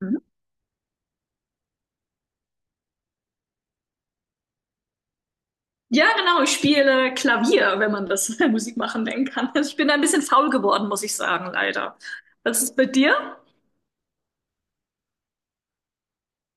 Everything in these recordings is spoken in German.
Mhm. Ja, genau, ich spiele Klavier, wenn man das Musik machen nennen kann. Also ich bin ein bisschen faul geworden, muss ich sagen, leider. Was ist bei dir?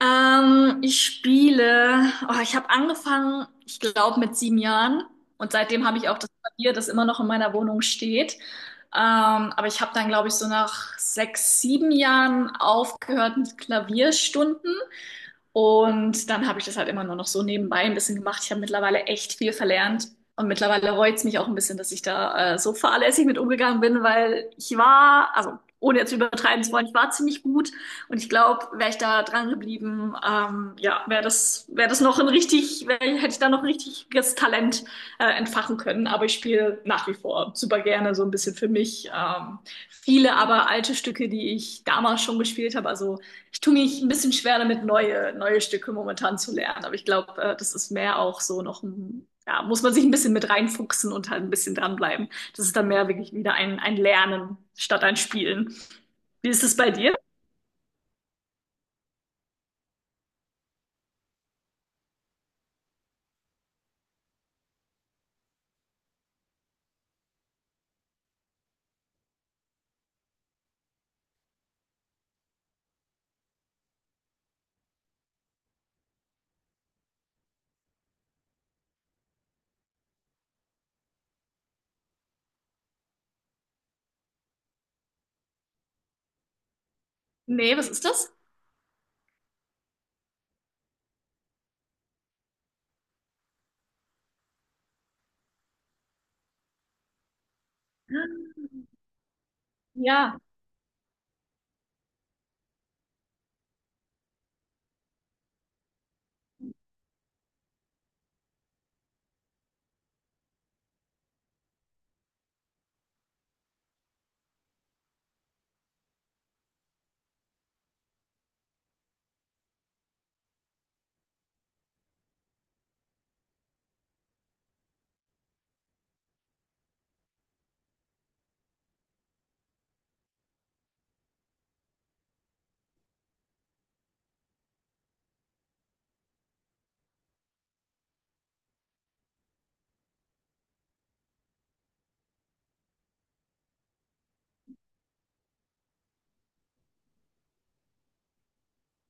Ich spiele, oh, ich habe angefangen, ich glaube, mit 7 Jahren. Und seitdem habe ich auch das Klavier, das immer noch in meiner Wohnung steht. Aber ich habe dann, glaube ich, so nach 6, 7 Jahren aufgehört mit Klavierstunden. Und dann habe ich das halt immer nur noch so nebenbei ein bisschen gemacht. Ich habe mittlerweile echt viel verlernt. Und mittlerweile reut's mich auch ein bisschen, dass ich da so fahrlässig mit umgegangen bin, weil ich war, also ohne jetzt übertreiben zu wollen, ich war ziemlich gut. Und ich glaube, wäre ich da dran geblieben, ja, wäre das noch ein hätte ich da noch ein richtiges Talent entfachen können. Aber ich spiele nach wie vor super gerne so ein bisschen für mich. Viele aber alte Stücke, die ich damals schon gespielt habe, also ich tue mich ein bisschen schwer damit, neue Stücke momentan zu lernen. Aber ich glaube, das ist mehr auch so noch ein, ja, muss man sich ein bisschen mit reinfuchsen und halt ein bisschen dranbleiben. Das ist dann mehr wirklich wieder ein Lernen statt ein Spielen. Wie ist es bei dir? Nee, was ist das? Ja.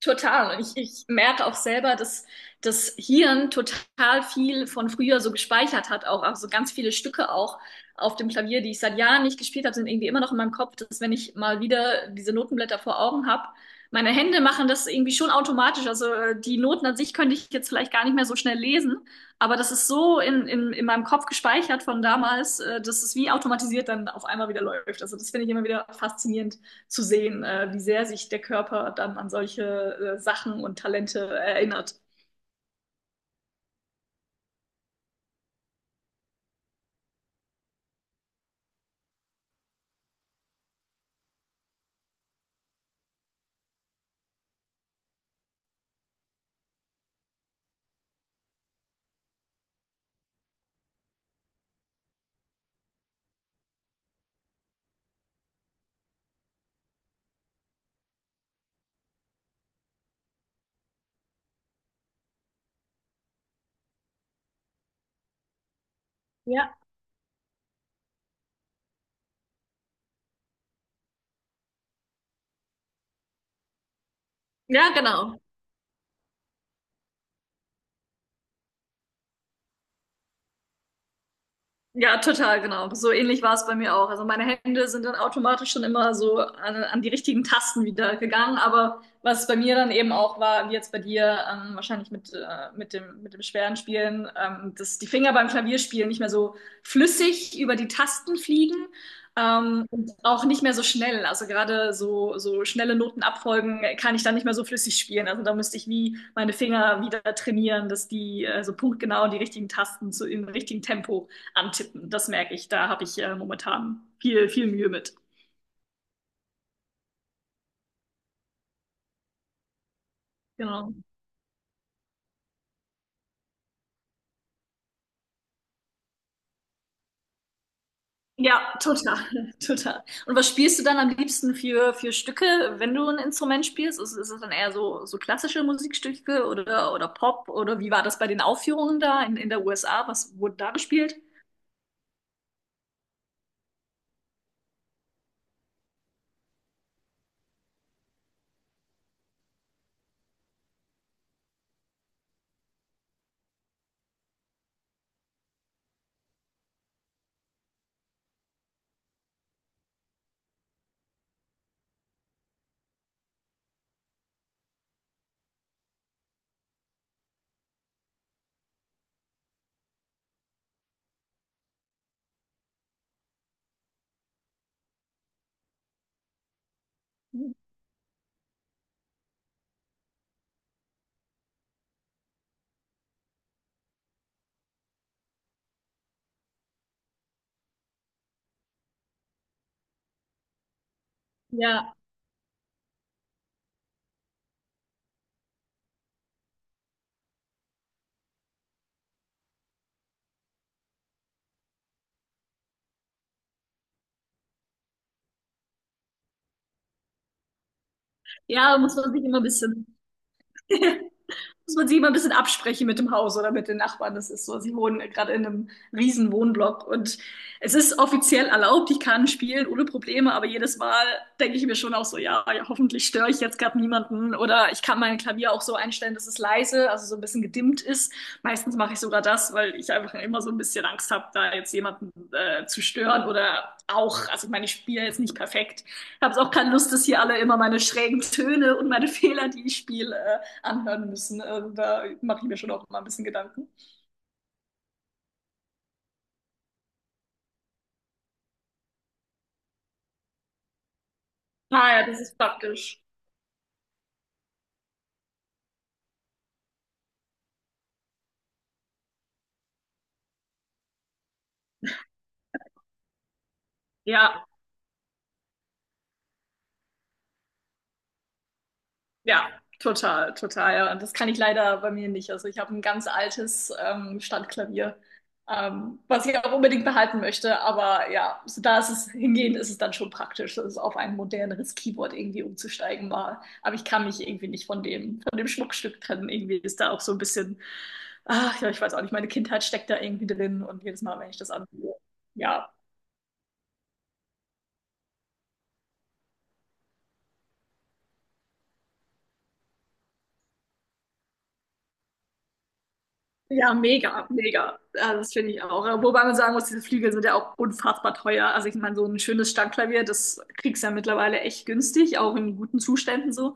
Total. Und ich merke auch selber, dass das Hirn total viel von früher so gespeichert hat, auch also ganz viele Stücke auch auf dem Klavier, die ich seit Jahren nicht gespielt habe, sind irgendwie immer noch in meinem Kopf, dass wenn ich mal wieder diese Notenblätter vor Augen habe, meine Hände machen das irgendwie schon automatisch. Also die Noten an sich könnte ich jetzt vielleicht gar nicht mehr so schnell lesen, aber das ist so in meinem Kopf gespeichert von damals, dass es wie automatisiert dann auf einmal wieder läuft. Also das finde ich immer wieder faszinierend zu sehen, wie sehr sich der Körper dann an solche Sachen und Talente erinnert. Ja, ja, genau. Ja, total, genau. So ähnlich war es bei mir auch. Also meine Hände sind dann automatisch schon immer so an die richtigen Tasten wieder gegangen. Aber was bei mir dann eben auch war, wie jetzt bei dir, wahrscheinlich mit dem schweren Spielen, dass die Finger beim Klavierspielen nicht mehr so flüssig über die Tasten fliegen, und auch nicht mehr so schnell. Also gerade so schnelle Notenabfolgen kann ich dann nicht mehr so flüssig spielen. Also da müsste ich wie meine Finger wieder trainieren, dass die so punktgenau die richtigen Tasten zu, im richtigen Tempo antippen. Das merke ich. Da habe ich momentan viel Mühe mit. Genau. Ja, total, total. Und was spielst du dann am liebsten für Stücke, wenn du ein Instrument spielst? Ist es dann eher so klassische Musikstücke oder Pop? Oder wie war das bei den Aufführungen da in der USA? Was wurde da gespielt? Ja, ja, muss man sich immer ein bisschen muss man sich immer ein bisschen absprechen mit dem Haus oder mit den Nachbarn. Das ist so, sie wohnen gerade in einem riesen Wohnblock und es ist offiziell erlaubt, ich kann spielen ohne Probleme, aber jedes Mal denke ich mir schon auch so, ja hoffentlich störe ich jetzt gerade niemanden oder ich kann mein Klavier auch so einstellen, dass es leise, also so ein bisschen gedimmt ist. Meistens mache ich sogar das, weil ich einfach immer so ein bisschen Angst habe, da jetzt jemanden zu stören oder auch, also ich meine, ich spiele jetzt nicht perfekt. Ich habe auch keine Lust, dass hier alle immer meine schrägen Töne und meine Fehler, die ich spiele, anhören müssen. Also da mache ich mir schon auch mal ein bisschen Gedanken. Ah ja, das ist praktisch. Ja, ja, total, total. Ja. Und das kann ich leider bei mir nicht. Also ich habe ein ganz altes Standklavier, was ich auch unbedingt behalten möchte. Aber ja, so da ist es hingehend, ist es dann schon praktisch, das auf ein moderneres Keyboard irgendwie umzusteigen mal. Aber ich kann mich irgendwie nicht von von dem Schmuckstück trennen. Irgendwie ist da auch so ein bisschen, ach ja, ich weiß auch nicht, meine Kindheit steckt da irgendwie drin und jedes Mal, wenn ich das anhöre, ja. Ja, mega, mega. Also das finde ich auch. Wobei man sagen muss, diese Flügel sind ja auch unfassbar teuer. Also ich meine, so ein schönes Standklavier, das kriegst du ja mittlerweile echt günstig, auch in guten Zuständen so.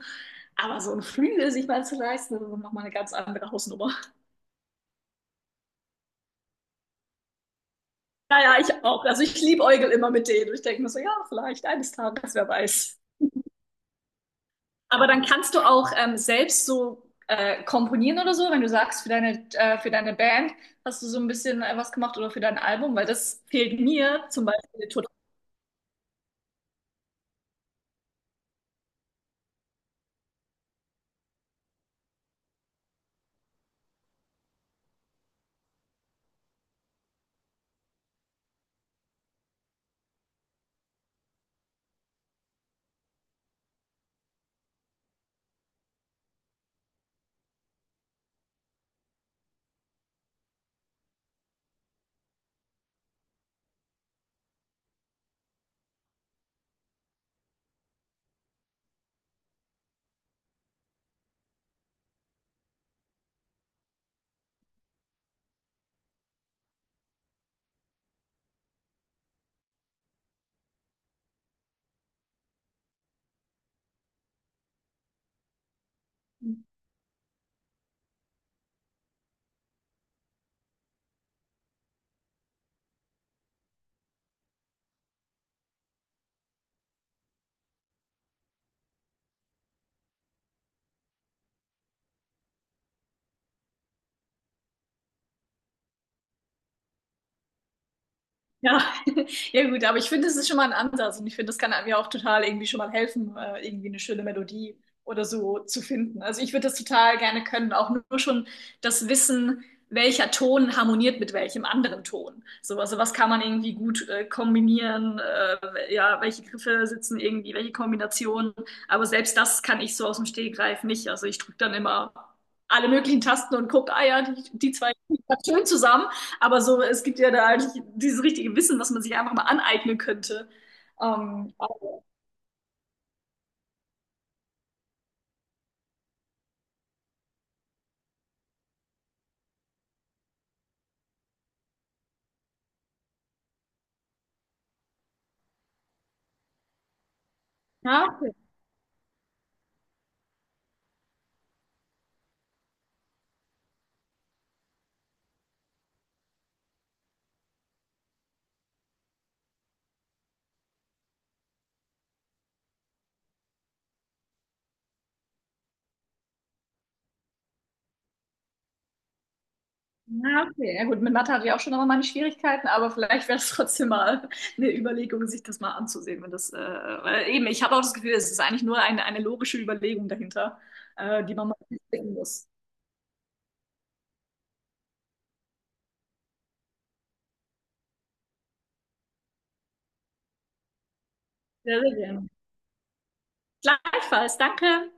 Aber so ein Flügel sich mal zu leisten, das ist nochmal eine ganz andere Hausnummer. Naja, ich auch. Also ich liebäugel immer mit denen. Ich denke mir so, ja, vielleicht eines Tages, wer weiß. Aber dann kannst du auch selbst so komponieren oder so, wenn du sagst, für für deine Band hast du so ein bisschen was gemacht oder für dein Album, weil das fehlt mir zum Beispiel. Ja, ja gut, aber ich finde, es ist schon mal ein Ansatz und ich finde, das kann einem ja auch total irgendwie schon mal helfen, irgendwie eine schöne Melodie oder so zu finden. Also ich würde das total gerne können, auch nur schon das Wissen, welcher Ton harmoniert mit welchem anderen Ton. So, also was kann man irgendwie gut kombinieren, ja, welche Griffe sitzen irgendwie, welche Kombinationen. Aber selbst das kann ich so aus dem Stegreif nicht. Also ich drücke dann immer alle möglichen Tasten und gucke, ah ja, die zwei liegen grad schön zusammen. Aber so, es gibt ja da eigentlich dieses richtige Wissen, was man sich einfach mal aneignen könnte. Ähm, aber, ja, okay. Ja, okay. Ja, gut, mit Mathe hatte ich auch schon noch mal meine Schwierigkeiten, aber vielleicht wäre es trotzdem mal eine Überlegung, sich das mal anzusehen. Wenn das, weil eben, ich habe auch das Gefühl, es ist eigentlich nur eine logische Überlegung dahinter, die man mal sehen muss. Sehr, sehr gerne. Gleichfalls, danke.